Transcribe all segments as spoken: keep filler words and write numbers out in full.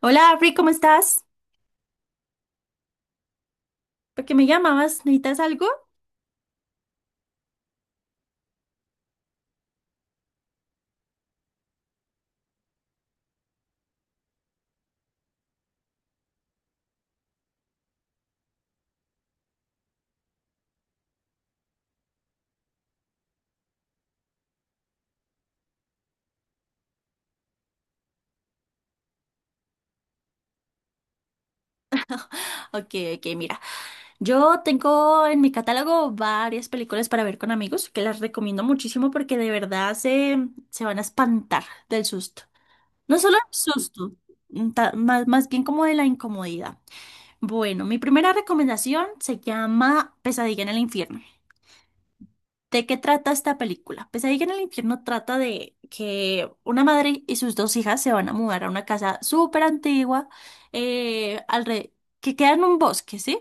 Hola, Afri, ¿cómo estás? ¿Por qué me llamabas? ¿Necesitas algo? Ok, ok, mira. Yo tengo en mi catálogo varias películas para ver con amigos que las recomiendo muchísimo porque de verdad se, se van a espantar del susto. No solo el susto, mm, ta- más, más bien como de la incomodidad. Bueno, mi primera recomendación se llama Pesadilla en el Infierno. ¿De qué trata esta película? Pesadilla en el Infierno trata de que una madre y sus dos hijas se van a mudar a una casa súper antigua eh, alre- que queda en un bosque, ¿sí?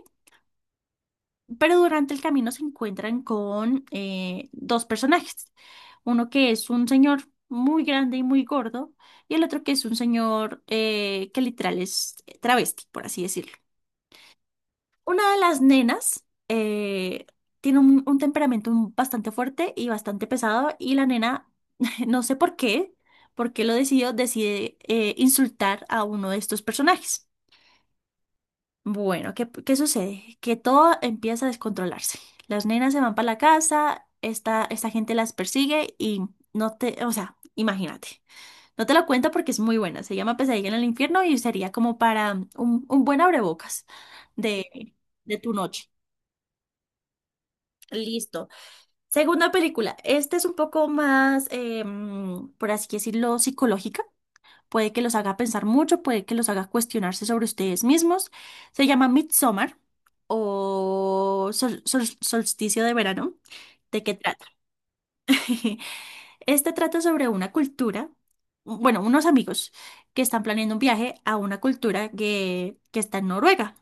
Pero durante el camino se encuentran con eh, dos personajes. Uno que es un señor muy grande y muy gordo y el otro que es un señor eh, que literal es travesti, por así decirlo. Una de las nenas eh, tiene un, un temperamento bastante fuerte y bastante pesado y la nena, no sé por qué, porque lo decidió, decide eh, insultar a uno de estos personajes. Bueno, ¿qué, qué sucede? Que todo empieza a descontrolarse. Las nenas se van para la casa, esta, esta gente las persigue y no te, o sea, imagínate. No te lo cuento porque es muy buena. Se llama Pesadilla en el Infierno y sería como para un, un buen abrebocas de, de tu noche. Listo. Segunda película. Esta es un poco más, em, por así decirlo, psicológica. Puede que los haga pensar mucho, puede que los haga cuestionarse sobre ustedes mismos. Se llama Midsommar o Sol- Sol- Solsticio de Verano. ¿De qué trata? Este trata sobre una cultura, bueno, unos amigos que están planeando un viaje a una cultura que, que está en Noruega.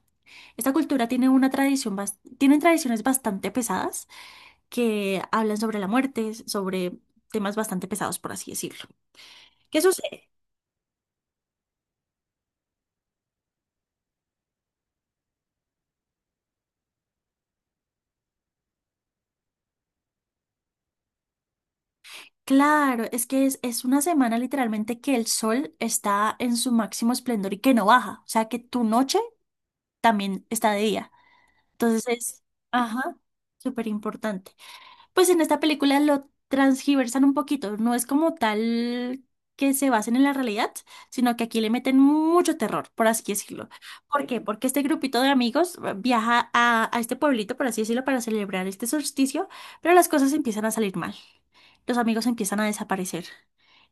Esta cultura tiene una tradición, bas- tienen tradiciones bastante pesadas que hablan sobre la muerte, sobre temas bastante pesados, por así decirlo. ¿Qué sucede? Claro, es que es, es una semana literalmente que el sol está en su máximo esplendor y que no baja, o sea que tu noche también está de día. Entonces es, ajá, súper importante. Pues en esta película lo transgiversan un poquito, no es como tal que se basen en la realidad, sino que aquí le meten mucho terror, por así decirlo. ¿Por qué? Porque este grupito de amigos eh, viaja a, a este pueblito, por así decirlo, para celebrar este solsticio, pero las cosas empiezan a salir mal. Los amigos empiezan a desaparecer.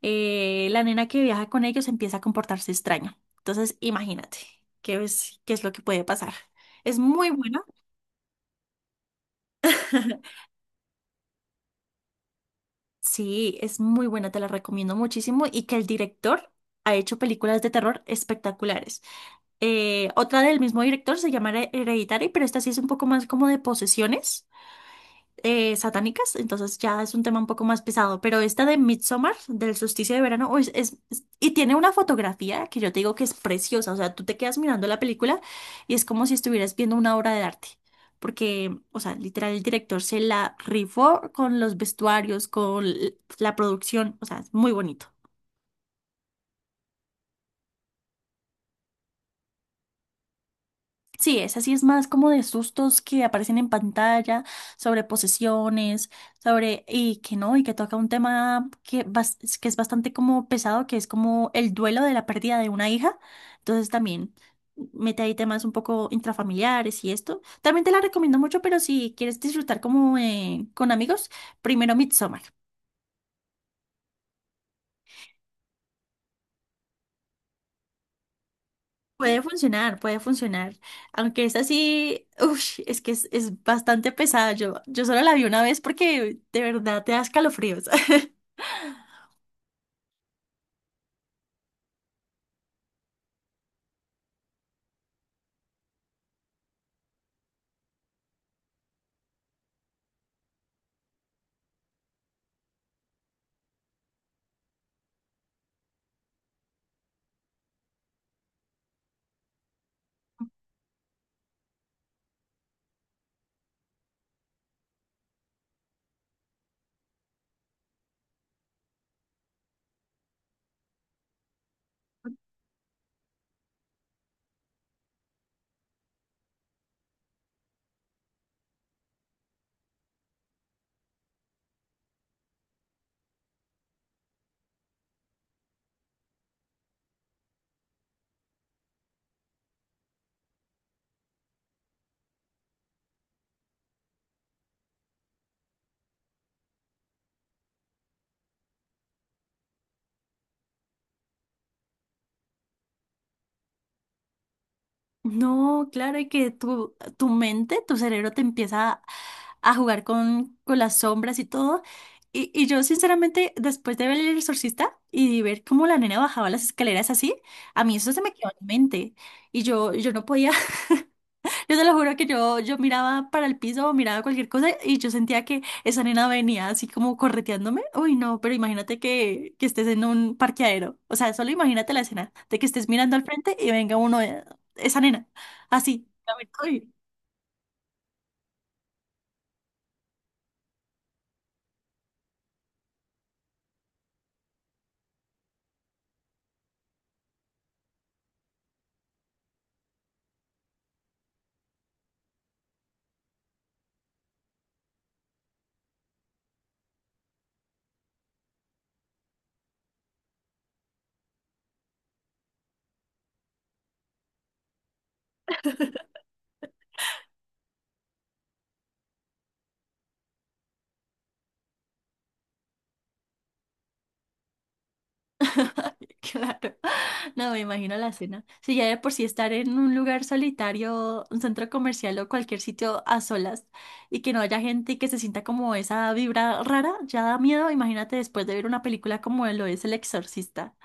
Eh, la nena que viaja con ellos empieza a comportarse extraño. Entonces, imagínate qué es, qué es lo que puede pasar. Es muy bueno. Sí, es muy buena, te la recomiendo muchísimo y que el director ha hecho películas de terror espectaculares. Eh, otra del mismo director se llama Hereditary, pero esta sí es un poco más como de posesiones eh, satánicas, entonces ya es un tema un poco más pesado, pero esta de Midsommar, del solsticio de verano, uy, es, es- es- y tiene una fotografía que yo te digo que es preciosa, o sea, tú te quedas mirando la película y es como si estuvieras viendo una obra de arte, porque, o sea, literal, el director se la rifó con los vestuarios, con l- la producción, o sea, es muy bonito. Sí, esa sí es más como de sustos que aparecen en pantalla, sobre posesiones, sobre, y que no, y que toca un tema que, bas- que es bastante como pesado, que es como el duelo de la pérdida de una hija. Entonces también mete ahí temas un poco intrafamiliares y esto. También te la recomiendo mucho, pero si quieres disfrutar como eh, con amigos, primero Midsommar. Puede funcionar, puede funcionar. Aunque es así, uff, es que es, es bastante pesada. Yo, yo solo la vi una vez porque de verdad te da escalofríos. No, claro, y que tu, tu mente, tu cerebro te empieza a, a jugar con, con las sombras y todo. Y, y yo, sinceramente, después de ver El Exorcista y ver cómo la nena bajaba las escaleras así, a mí eso se me quedó en mente. Y yo, yo no podía, yo te lo juro que yo, yo miraba para el piso, miraba cualquier cosa y yo sentía que esa nena venía así como correteándome. Uy, no, pero imagínate que, que estés en un parqueadero. O sea, solo imagínate la escena de que estés mirando al frente y venga uno, eh, esa nena, así. Uy. Claro, no me imagino la escena. Si ya de por sí estar en un lugar solitario, un centro comercial o cualquier sitio a solas y que no haya gente y que se sienta como esa vibra rara, ya da miedo. Imagínate después de ver una película como lo es El Exorcista.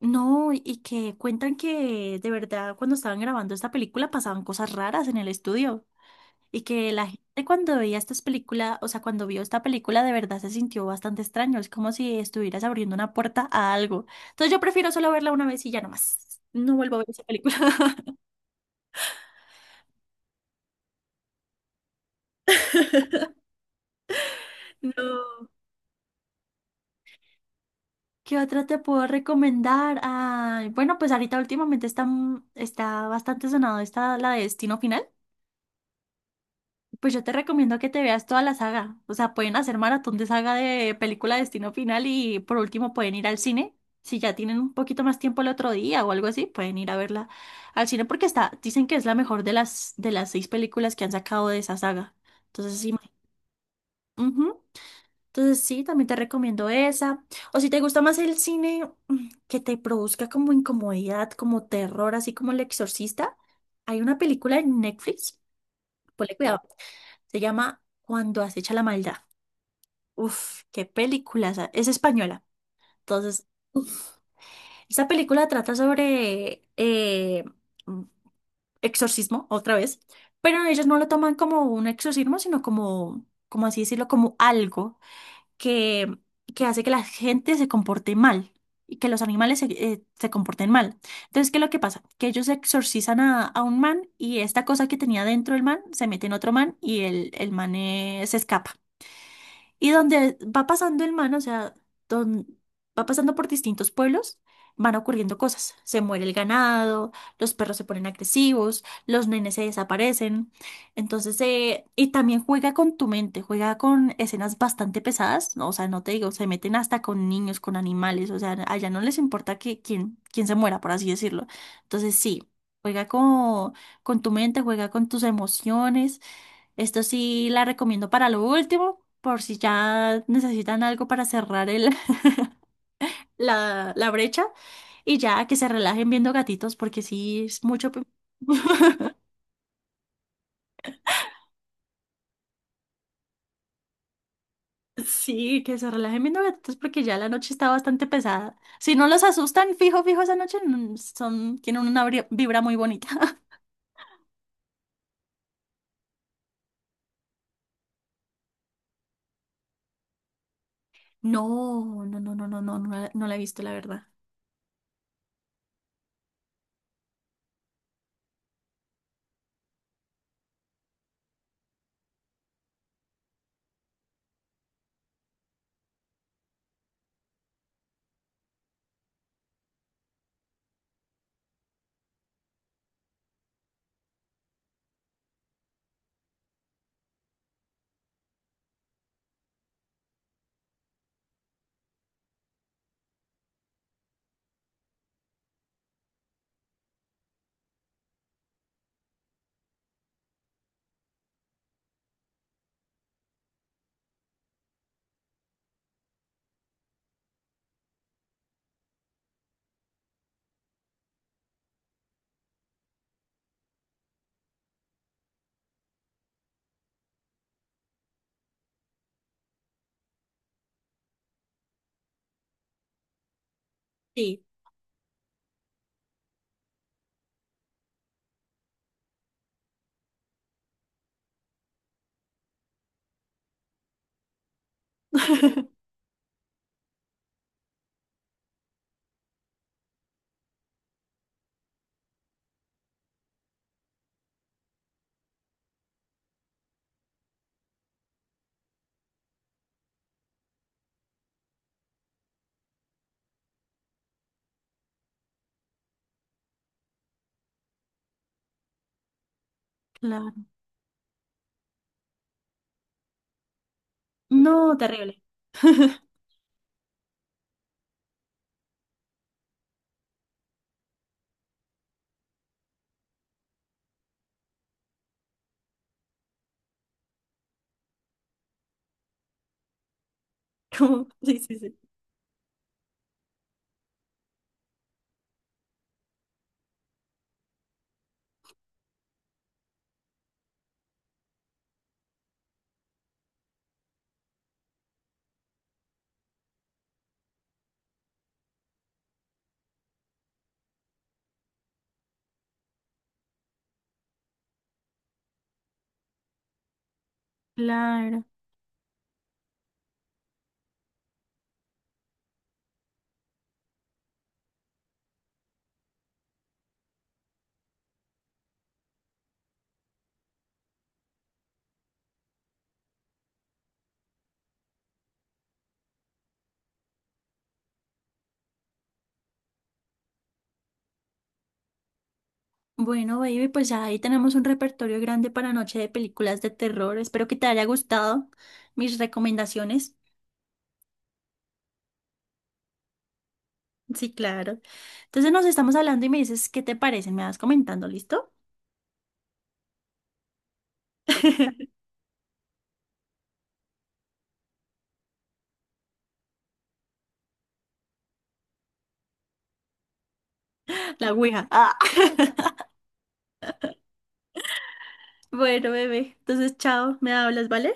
No, y que cuentan que de verdad cuando estaban grabando esta película pasaban cosas raras en el estudio. Y que la gente cuando veía estas películas, o sea, cuando vio esta película, de verdad se sintió bastante extraño. Es como si estuvieras abriendo una puerta a algo. Entonces yo prefiero solo verla una vez y ya no más. No vuelvo a ver esa película. No. ¿Qué otra te puedo recomendar? Ay, bueno, pues ahorita últimamente está, está bastante sonado esta, la de Destino Final. Pues yo te recomiendo que te veas toda la saga. O sea, pueden hacer maratón de saga de película Destino Final y por último pueden ir al cine. Si ya tienen un poquito más tiempo el otro día o algo así, pueden ir a verla al cine porque está, dicen que es la mejor de las, de las seis películas que han sacado de esa saga. Entonces, sí, ujú. Entonces sí, también te recomiendo esa. O si te gusta más el cine mm, que te produzca como incomodidad, como terror, así como El Exorcista, hay una película en Netflix. Ponle cuidado, se llama Cuando Acecha la Maldad. Uf, qué película. esa- Es española. Entonces, esta película trata sobre eh, mm, exorcismo, otra vez, pero ellos no lo toman como un exorcismo, sino como, como así decirlo, como algo que, que hace que la gente se comporte mal y que los animales se, eh, se comporten mal. Entonces, ¿qué es lo que pasa? Que ellos exorcizan a, a un man y esta cosa que tenía dentro el man se mete en otro man y el, el man eh, se escapa. Y donde va pasando el man, o sea, don- va pasando por distintos pueblos, van ocurriendo cosas. Se muere el ganado, los perros se ponen agresivos, los nenes se desaparecen. Entonces, eh, y también juega con tu mente, juega con escenas bastante pesadas, ¿no? O sea, no te digo, se meten hasta con niños, con animales. O sea, allá no les importa que quién, quién se muera, por así decirlo. Entonces, sí, juega con, con tu mente, juega con tus emociones. Esto sí la recomiendo para lo último, por si ya necesitan algo para cerrar el, la, la brecha y ya que se relajen viendo gatitos, porque sí es mucho. pe- Sí, que se relajen viendo gatitos porque ya la noche está bastante pesada. Si no los asustan, fijo, fijo, esa noche mm, son, tienen una bri- vibra muy bonita. No, no, no, no, no, no, no, la no la he visto, la verdad. Sí. Claro. No, terrible. Como- Sí, sí, sí. Claro. Bueno, baby, pues ya ahí tenemos un repertorio grande para noche de películas de terror. Espero que te haya gustado mis recomendaciones. Sí, claro. Entonces nos estamos hablando y me dices qué te parece. Me vas comentando, ¿listo? La ouija. Ah. Bueno, bebé. Entonces, chao. Me hablas, ¿vale?